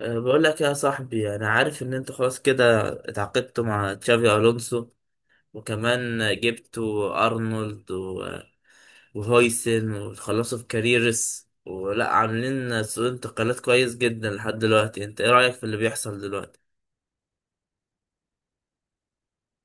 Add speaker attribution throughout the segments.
Speaker 1: بقول لك يا صاحبي، انا عارف ان انت خلاص كده اتعاقدت مع تشافي الونسو، وكمان جبتوا وهويسن وخلصوا في كاريرس، ولا عاملين سوق انتقالات كويس جدا لحد دلوقتي. انت ايه رأيك في اللي بيحصل دلوقتي؟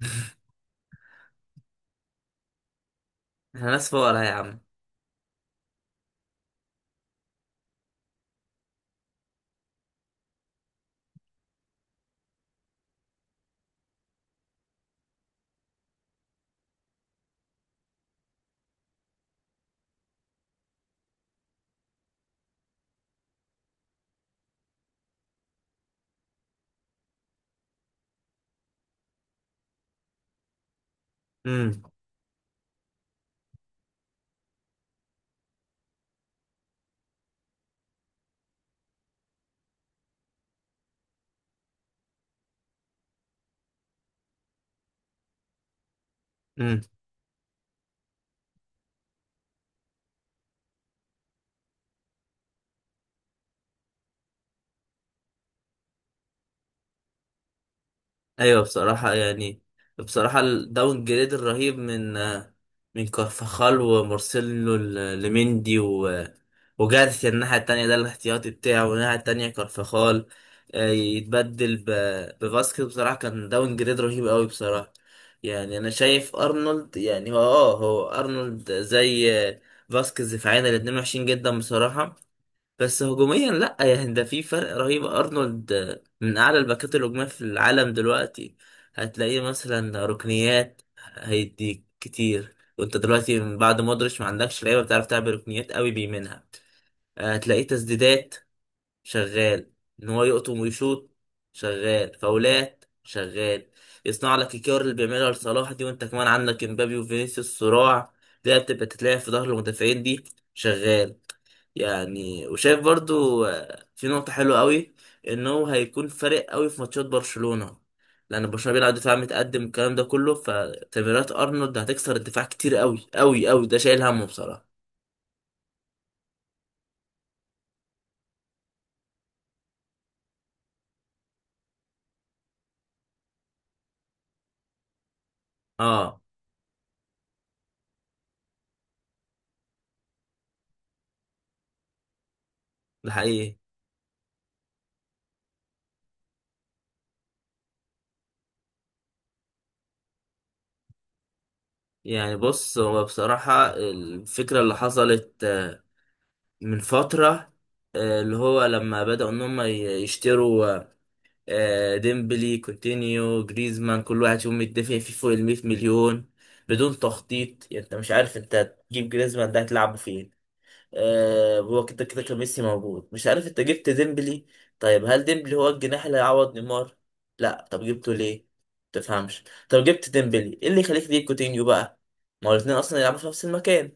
Speaker 1: احنا ناس فقراء يا عم. امم ايوه بصراحة، يعني بصراحة الداون جريد الرهيب من من كارفاخال ومارسيلو لمندي وجارسيا الناحية التانية، ده الاحتياطي بتاعه، والناحية التانية كارفاخال يتبدل بفاسكيز، بصراحة كان داون جريد رهيب قوي بصراحة. يعني أنا شايف أرنولد، يعني هو أرنولد زي فاسكيز في عينه، الاتنين وحشين جدا بصراحة. بس هجوميا لا، يعني ده في فرق رهيب، ارنولد من اعلى الباكات الهجوميه في العالم دلوقتي. هتلاقيه مثلا ركنيات هيديك كتير، وانت دلوقتي من بعد مودريتش ما عندكش لعيبه بتعرف تعمل ركنيات قوي بيمينها. هتلاقيه تسديدات، شغال ان هو يقطم ويشوط، شغال فاولات، شغال يصنع لك الكور اللي بيعملها لصلاح دي، وانت كمان عندك امبابي وفينيسيوس صراع. دي بتبقى تتلعب في ظهر المدافعين دي، شغال. يعني وشايف برضو في نقطة حلوة قوي، ان هو هيكون فارق قوي في ماتشات برشلونة، لان برشلونة بيلعب دفاع متقدم الكلام ده كله، فتمريرات ارنولد هتكسر الدفاع كتير قوي قوي قوي، ده شايل همه بصراحة. اه ده حقيقي. يعني بص، هو بصراحة الفكرة اللي حصلت من فترة، اللي هو لما بدأوا ان هم يشتروا ديمبلي كوتينيو جريزمان، كل واحد فيهم متدافع فيه فوق ال 100 مليون بدون تخطيط. يعني انت مش عارف انت هتجيب جريزمان ده هتلعبه فين، هو كده كده كان ميسي موجود، مش عارف انت جبت ديمبلي، طيب هل ديمبلي هو الجناح اللي هيعوض نيمار؟ لا، طب جبته ليه؟ تفهمش. طب جبت ديمبلي، ايه اللي يخليك تجيب كوتينيو بقى؟ ما هو الاثنين اصلا يلعبوا في نفس المكان،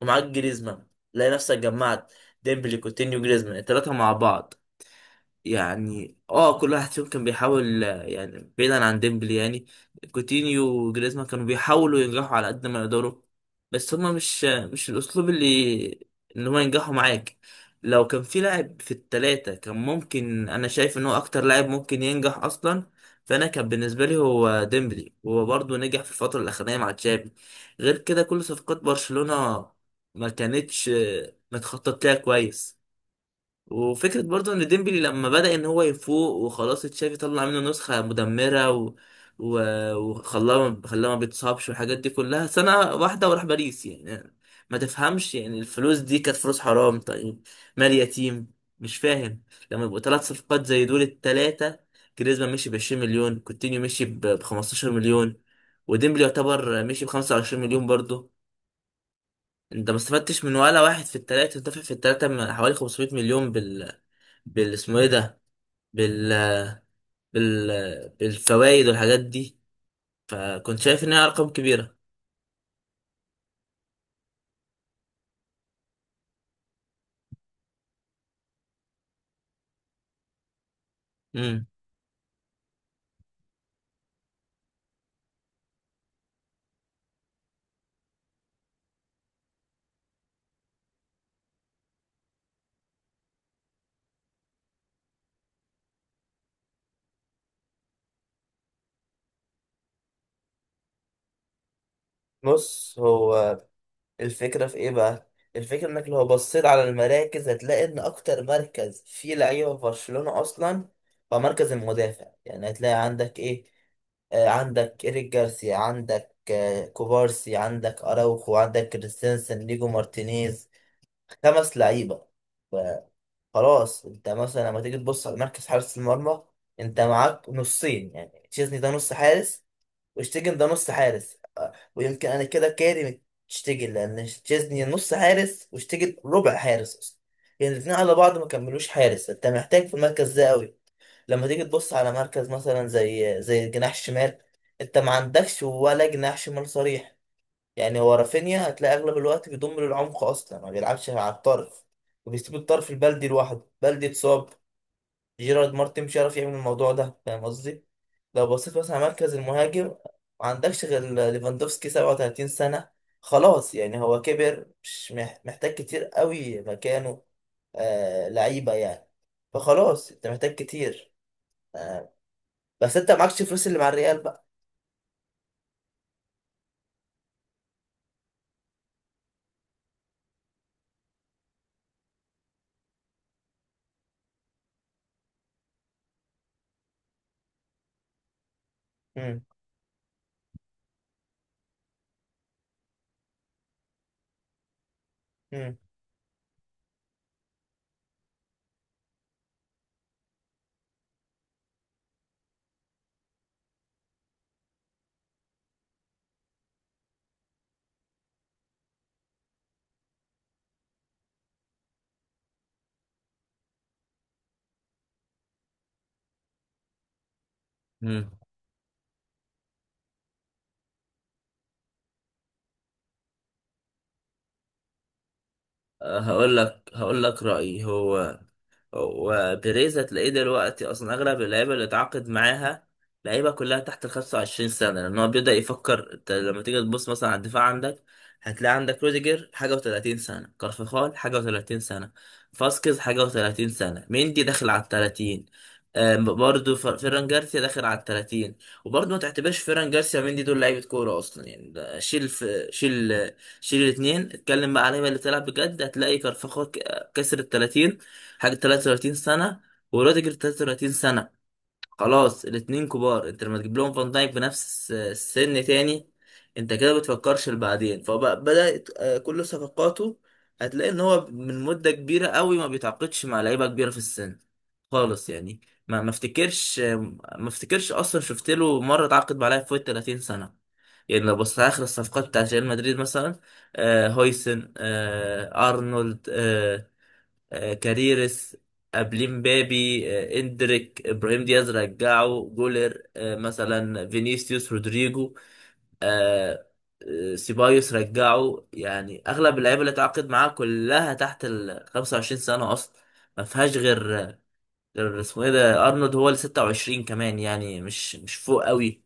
Speaker 1: ومعاك جريزمان. تلاقي نفسك جمعت ديمبلي كوتينيو جريزمان الثلاثه مع بعض. يعني اه كل واحد فيهم كان بيحاول يعني بعيدا عن ديمبلي، يعني كوتينيو وجريزمان كانوا بيحاولوا ينجحوا على قد ما يقدروا، بس هما مش الاسلوب اللي ان هما ينجحوا معاك. لو كان في لاعب في التلاتة كان ممكن، انا شايف ان هو اكتر لاعب ممكن ينجح اصلا فانا كان بالنسبة لي هو ديمبلي، وهو برضه نجح في الفترة الاخرانية مع تشافي. غير كده كل صفقات برشلونة ما كانتش متخطط لها كويس. وفكرة برضو ان ديمبلي لما بدأ ان هو يفوق وخلاص، تشافي طلع منه نسخة مدمرة و... وخلاه ما بيتصابش والحاجات دي كلها سنة واحدة، وراح باريس يعني. ما تفهمش يعني الفلوس دي كانت فلوس حرام، طيب مال يتيم، مش فاهم. لما يبقوا ثلاث صفقات زي دول التلاتة، جريزمان مشي ب 20 مليون، كوتينيو مشي ب 15 مليون، وديمبلي يعتبر مشي ب 25 مليون برضه. انت ما استفدتش من ولا واحد في التلاتة، انت دافع في التلاتة حوالي 500 مليون بال اسمه ايه ده بال بال بالفوائد والحاجات دي. فكنت شايف انها ارقام كبيره. امم بص هو الفكرة في ايه بقى؟ الفكرة انك لو بصيت على المراكز، هتلاقي ان اكتر مركز فيه لعيبة في برشلونة اصلا هو مركز المدافع. يعني هتلاقي عندك ايه؟ عندك إيريك جارسيا، عندك كوبارسي، عندك أراوخو، عندك كريستنسن، ليجو مارتينيز، خمس لعيبة. خلاص. انت مثلا لما تيجي تبص على مركز حارس المرمى، انت معاك نصين، يعني تشيزني ده نص حارس، وشتيجن ده نص حارس، اه، ويمكن انا كده كارم شتيجن، لان تشيزني نص حارس وشتيجن ربع حارس اصلا. يعني الاثنين على بعض ما كملوش حارس، انت محتاج في المركز ده قوي. لما تيجي تبص على مركز مثلا زي الجناح الشمال، انت ما عندكش ولا جناح شمال صريح. يعني هو رافينيا هتلاقي اغلب الوقت بيضم للعمق اصلا ما بيلعبش مع الطرف، وبيسيب الطرف البلدي لوحده، بلدي اتصاب، جيرارد مارتن مش عارف يعمل الموضوع ده، فاهم قصدي؟ لو بصيت مثلا على مركز المهاجم، ما عندكش غير ليفاندوفسكي 37 سنة، خلاص يعني هو كبر، مش مح- محتاج كتير قوي مكانه آه لعيبة يعني. فخلاص انت محتاج كتير آه، بس انت معكش فلوس اللي مع الريال بقى. مم. مم. مم. هقول لك رأيي. هو وبيريزا تلاقيه دلوقتي اصلا اغلب اللعيبه اللي اتعاقد معاها لعيبه كلها تحت ال 25 سنه، لان هو بيبدا يفكر. انت لما تيجي تبص مثلا على الدفاع، عندك هتلاقي عندك روديجر حاجه و30 سنه، كارفخال حاجه و30 سنه، فاسكيز حاجه و30 سنه، ميندي داخل على ال 30، برضه فيران جارسيا داخل على ال 30. وبرضه ما تعتبرش فيران جارسيا ميندي دول لعيبه كوره اصلا، يعني ده شيل في شيل، شيل الاثنين. اتكلم بقى على اللعيبة اللي بتلعب بجد، هتلاقي كارفخال كسر ال 30 حاجة 33 سنة، وروديجر 33 سنة، خلاص الاتنين كبار. انت لما تجيب لهم فان دايك بنفس السن تاني، انت كده بتفكرش لبعدين. فبدأت كل صفقاته هتلاقي ان هو من مدة كبيرة قوي ما بيتعاقدش مع لعيبة كبيرة في السن خالص، يعني ما افتكرش آه، ما افتكرش اصلا شفت له مرة اتعاقد مع لاعب فوق ال 30 سنة. يعني لو بصيت على اخر الصفقات بتاعت ريال مدريد مثلا، آه هويسن، آه ارنولد، كاريرس، قبليه مبابي، اندريك، ابراهيم دياز رجعه، جولر، مثلا فينيسيوس، رودريجو، آه، سيبايوس رجعه. يعني اغلب اللعيبه اللي اتعاقد معاها كلها تحت ال 25 سنه اصلا، ما فيهاش غير اسمه ايه ده ارنولد، هو ال 26، كمان يعني مش فوق قوي.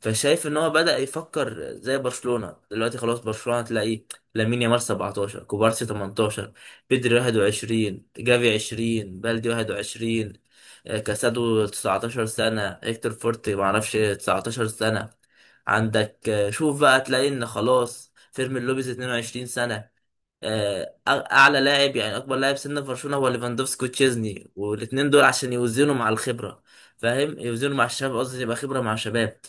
Speaker 1: فشايف ان هو بدأ يفكر زي برشلونة دلوقتي. خلاص برشلونة تلاقي لامين يامال 17، كوبارسي 18، بيدري 21، جافي 20، بلدي 21، كاسادو 19 سنة، هيكتور فورتي معرفش 19 سنة، عندك شوف بقى تلاقي ان خلاص، فيرمين لوبيز 22 سنة. اعلى لاعب، يعني اكبر لاعب سن في برشلونة، هو ليفاندوفسكي وتشيزني، والاتنين دول عشان يوزنوا مع الخبرة، فاهم؟ يوزنوا مع الشباب قصدي، يبقى خبرة مع شباب.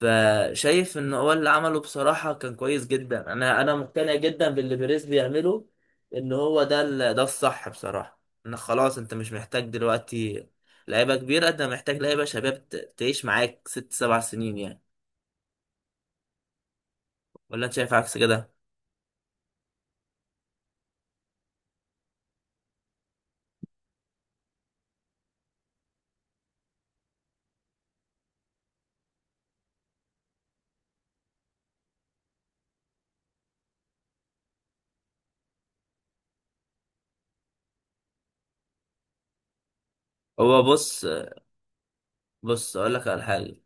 Speaker 1: فشايف ان هو اللي عمله بصراحة كان كويس جدا، انا مقتنع جدا باللي بيريز بيعمله، ان هو ده ده الصح بصراحة، ان خلاص انت مش محتاج دلوقتي لعيبة كبيرة، انت محتاج لعيبة شباب تعيش معاك ست سبع سنين يعني. ولا انت شايف عكس كده؟ هو بص بص اقول لك على حاجة،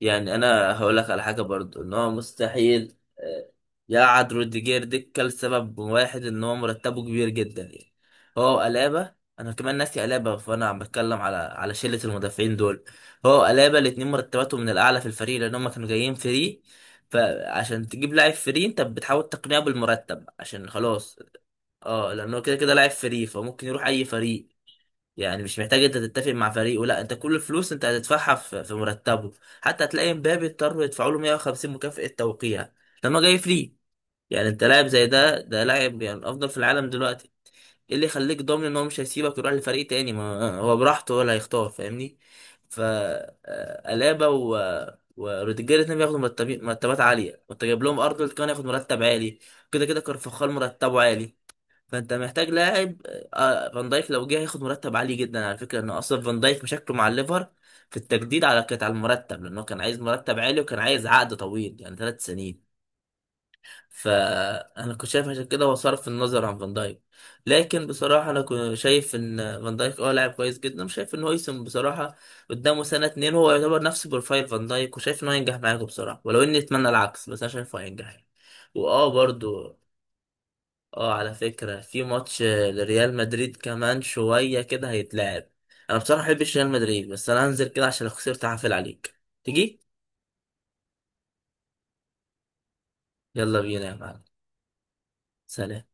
Speaker 1: يعني انا هقول لك على حاجه برضو، ان هو مستحيل يقعد روديجير دكه لسبب واحد، ان هو مرتبه كبير جدا يعني. هو الابا، انا كمان ناسي الابا، فانا عم بتكلم على شله المدافعين دول. هو الابا الاتنين مرتباتهم من الاعلى في الفريق، لان هم كانوا جايين فري. فعشان تجيب لاعب فري انت بتحاول تقنعه بالمرتب عشان خلاص، اه لانه كده كده لاعب فري فممكن يروح اي فريق. يعني مش محتاج انت تتفق مع فريقه، لا انت كل الفلوس انت هتدفعها في مرتبه. حتى هتلاقي مبابي اضطروا يدفعوا له 150 مكافأة توقيع لما جاي فري. يعني انت لاعب زي ده، ده لاعب يعني الافضل في العالم دلوقتي، ايه اللي يخليك ضامن ان هو مش هيسيبك يروح لفريق تاني؟ ما هو براحته هو اللي هيختار، فاهمني؟ ف الابا وروديجير الاثنين بياخدوا مرتبات عاليه، وانت جايب لهم ارنولد كمان ياخد مرتب عالي، كده كده كارفاخال مرتبه عالي. فانت محتاج لاعب فان دايك لو جه هياخد مرتب عالي جدا. على فكره انه اصلا فان دايك مشاكله مع الليفر في التجديد على كانت على المرتب، لانه كان عايز مرتب عالي وكان عايز عقد طويل يعني ثلاث سنين. فانا كنت شايف عشان كده هو صرف النظر عن فان دايك. لكن بصراحه انا كنت شايف ان فان دايك اه لاعب كويس جدا، وشايف ان هويسن بصراحه قدامه سنه اتنين هو يعتبر نفس بروفايل فان دايك، وشايف انه هينجح معاكم بصراحه، ولو اني اتمنى العكس، بس انا شايفه هينجح يعني. واه برضو اه على فكرة، في ماتش لريال مدريد كمان شوية كده هيتلعب. انا بصراحة مبحبش ريال مدريد، بس انا هنزل كده عشان لو خسرت هعفل عليك. تيجي؟ يلا بينا يا معلم. سلام.